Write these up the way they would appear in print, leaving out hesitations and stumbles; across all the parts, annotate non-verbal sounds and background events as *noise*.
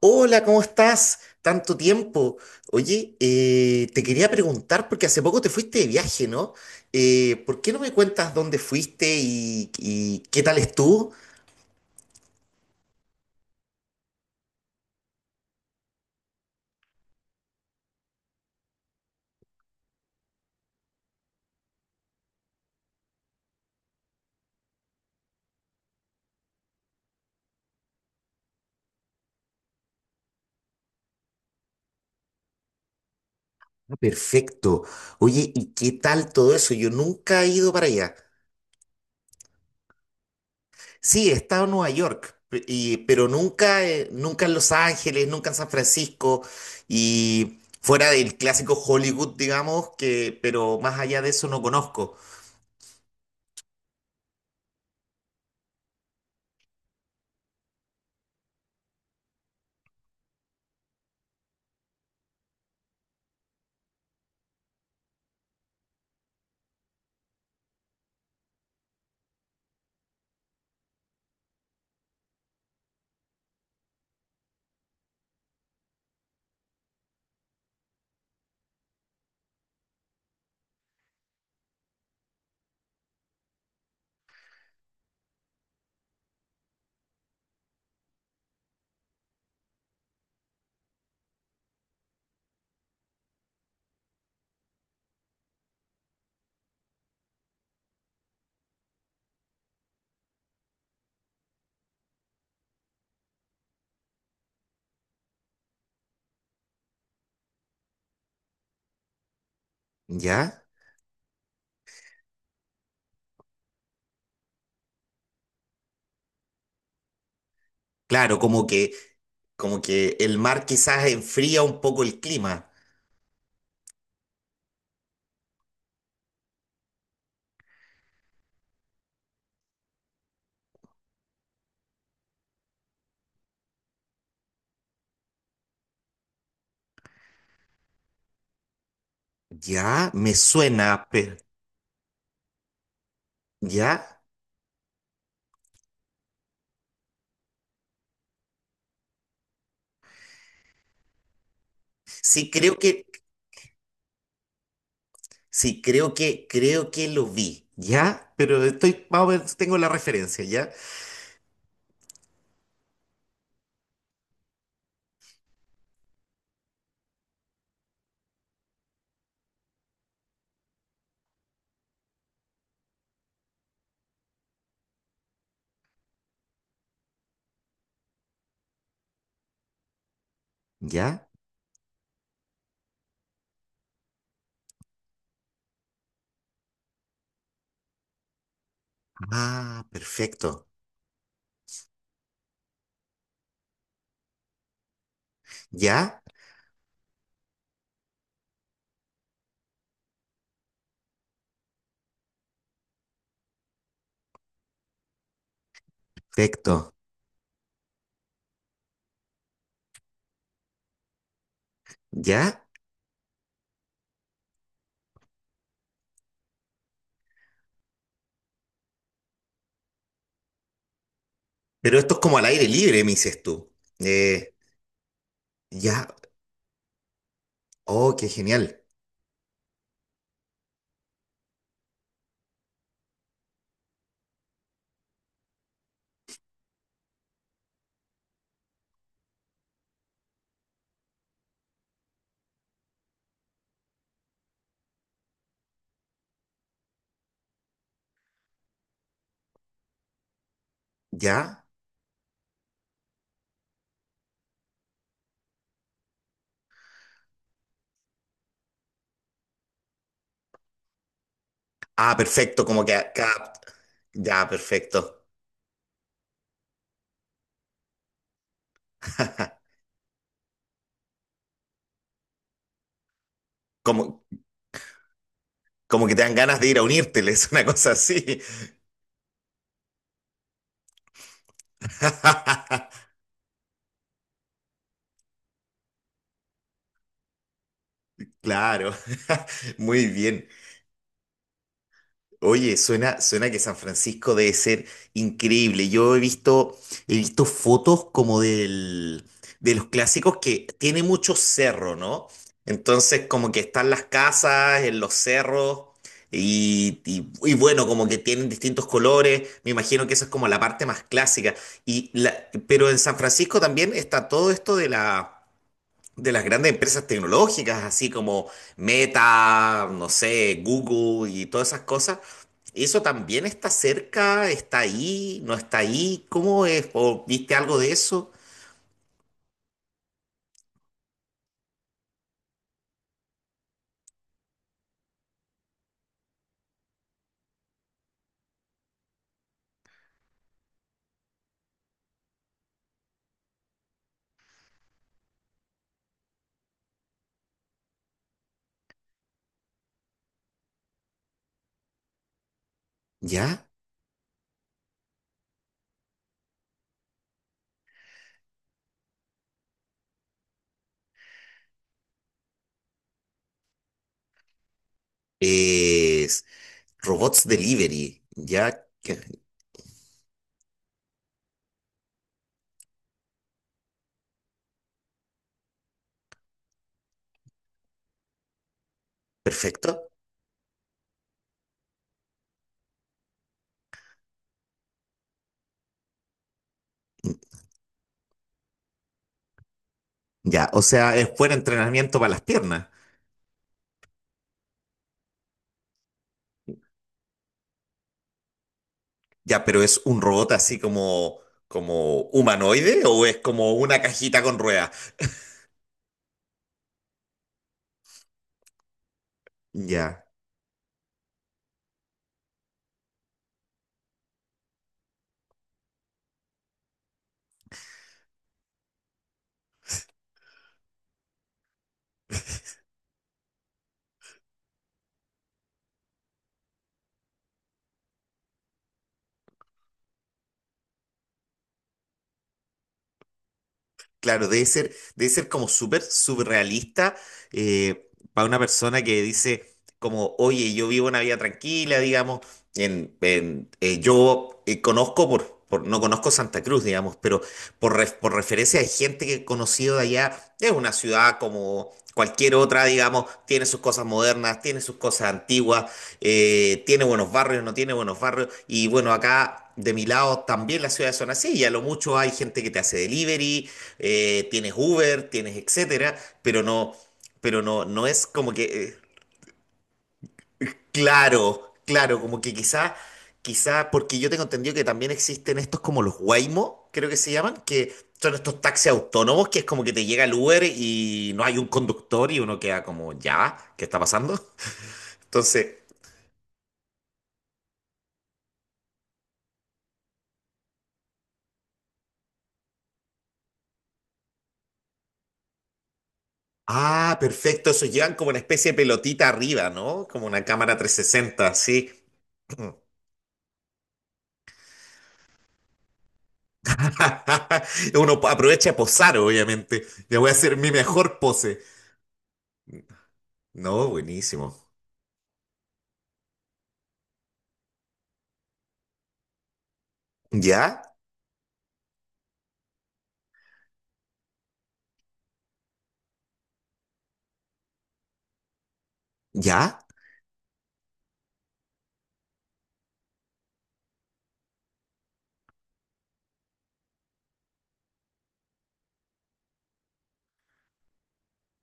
Hola, ¿cómo estás? Tanto tiempo. Oye, te quería preguntar, porque hace poco te fuiste de viaje, ¿no? ¿Por qué no me cuentas dónde fuiste y qué tal estuvo? Ah, perfecto. Oye, ¿y qué tal todo eso? Yo nunca he ido para allá. Sí, he estado en Nueva York, pero nunca en Los Ángeles, nunca en San Francisco y fuera del clásico Hollywood, digamos, que, pero más allá de eso no conozco. ¿Ya? Claro, como que el mar quizás enfría un poco el clima. Ya, me suena, pero ya. Sí, creo que, sí, creo que lo vi. Ya, pero estoy, más o menos tengo la referencia, ¿ya? ¿Ya? Ah, perfecto. ¿Ya? Perfecto. ¿Ya? Pero esto es como al aire libre, me dices tú. Eh, ya. Oh, qué genial. ¿Ya? Ah, perfecto, como que acá. Ya, perfecto. Como, como que te dan ganas de ir a unírteles, *laughs* una cosa así. *laughs* Claro, *laughs* muy bien. Oye, suena que San Francisco debe ser increíble. He visto fotos como de los clásicos que tiene mucho cerro, ¿no? Entonces, como que están las casas en los cerros y, y bueno, como que tienen distintos colores. Me imagino que esa es como la parte más clásica. Pero en San Francisco también está todo esto de la de las grandes empresas tecnológicas, así como Meta, no sé, Google y todas esas cosas. ¿Eso también está cerca? ¿Está ahí? ¿No está ahí? ¿Cómo es? ¿O viste algo de eso? Ya. Es robots delivery. Perfecto. Ya. O sea, es buen entrenamiento para las piernas. Ya, pero ¿es un robot así como humanoide o es como una cajita con ruedas? Ya. Claro, debe ser como súper surrealista para una persona que dice como, oye, yo vivo una vida tranquila, digamos, en- yo conozco no conozco Santa Cruz, digamos, pero por referencia de gente que he conocido de allá, es una ciudad como cualquier otra, digamos, tiene sus cosas modernas, tiene sus cosas antiguas, tiene buenos barrios, no tiene buenos barrios. Y bueno, acá de mi lado también las ciudades son así. Y a lo mucho hay gente que te hace delivery, tienes Uber, tienes etcétera, pero pero no, no es como que, claro, como que quizás, porque yo tengo entendido que también existen estos como los Waymo, creo que se llaman, que son estos taxis autónomos que es como que te llega el Uber y no hay un conductor y uno queda como, ya, ¿qué está pasando? Entonces. Ah, perfecto. Eso llevan como una especie de pelotita arriba, ¿no? Como una cámara 360, sí. *laughs* Uno aprovecha a posar, obviamente. Ya voy a hacer mi mejor pose. No, buenísimo. ¿Ya? ¿Ya?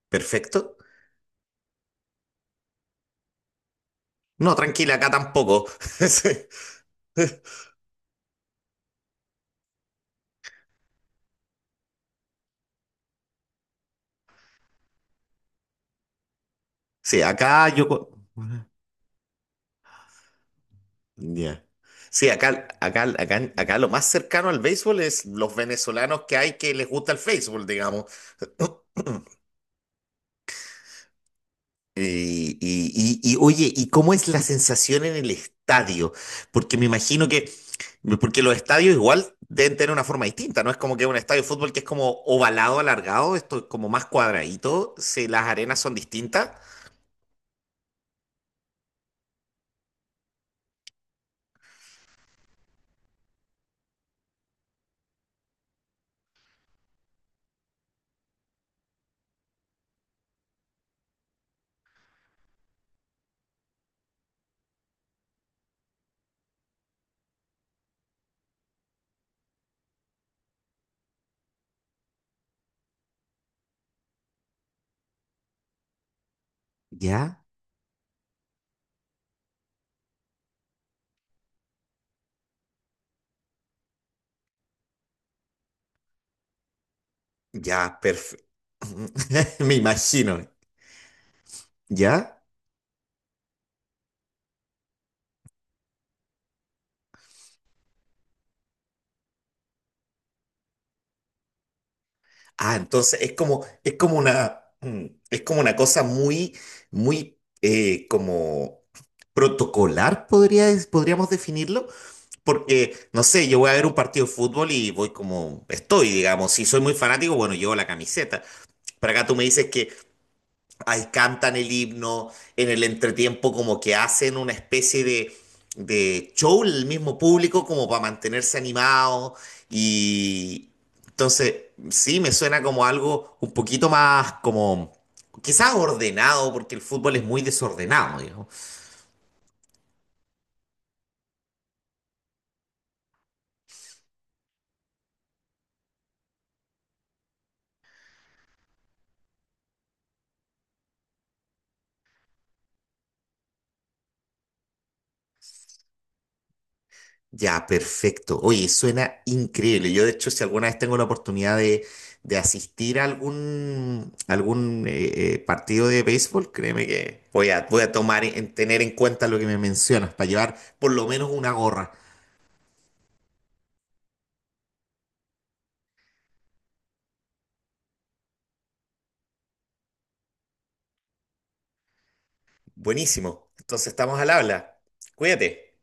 ¿Perfecto? No, tranquila, acá tampoco. *laughs* Sí, sí, ya. Sí, acá lo más cercano al béisbol es los venezolanos que hay que les gusta el béisbol, digamos. *clears throat* Oye, ¿y cómo es la sensación en el estadio? Porque me imagino que, porque los estadios igual deben tener una forma distinta, ¿no? Es como que un estadio de fútbol que es como ovalado, alargado, esto es como más cuadradito, si las arenas son distintas. Ya, ya, perfecto. *laughs* Me imagino, ¿ya? Ah, entonces es como una, es como una cosa muy, muy, como protocolar, podríamos definirlo. Porque, no sé, yo voy a ver un partido de fútbol y voy como estoy, digamos. Si soy muy fanático, bueno, llevo la camiseta. Pero acá tú me dices que ahí cantan el himno, en el entretiempo como que hacen una especie de show el mismo público como para mantenerse animado. Y entonces, sí, me suena como algo un poquito más como, quizás ordenado, porque el fútbol es muy desordenado, ya, perfecto. Oye, suena increíble. Yo, de hecho, si alguna vez tengo la oportunidad de asistir a algún partido de béisbol, créeme que voy voy a tomar en tener en cuenta lo que me mencionas para llevar por lo menos una gorra. Buenísimo. Entonces estamos al habla. Cuídate.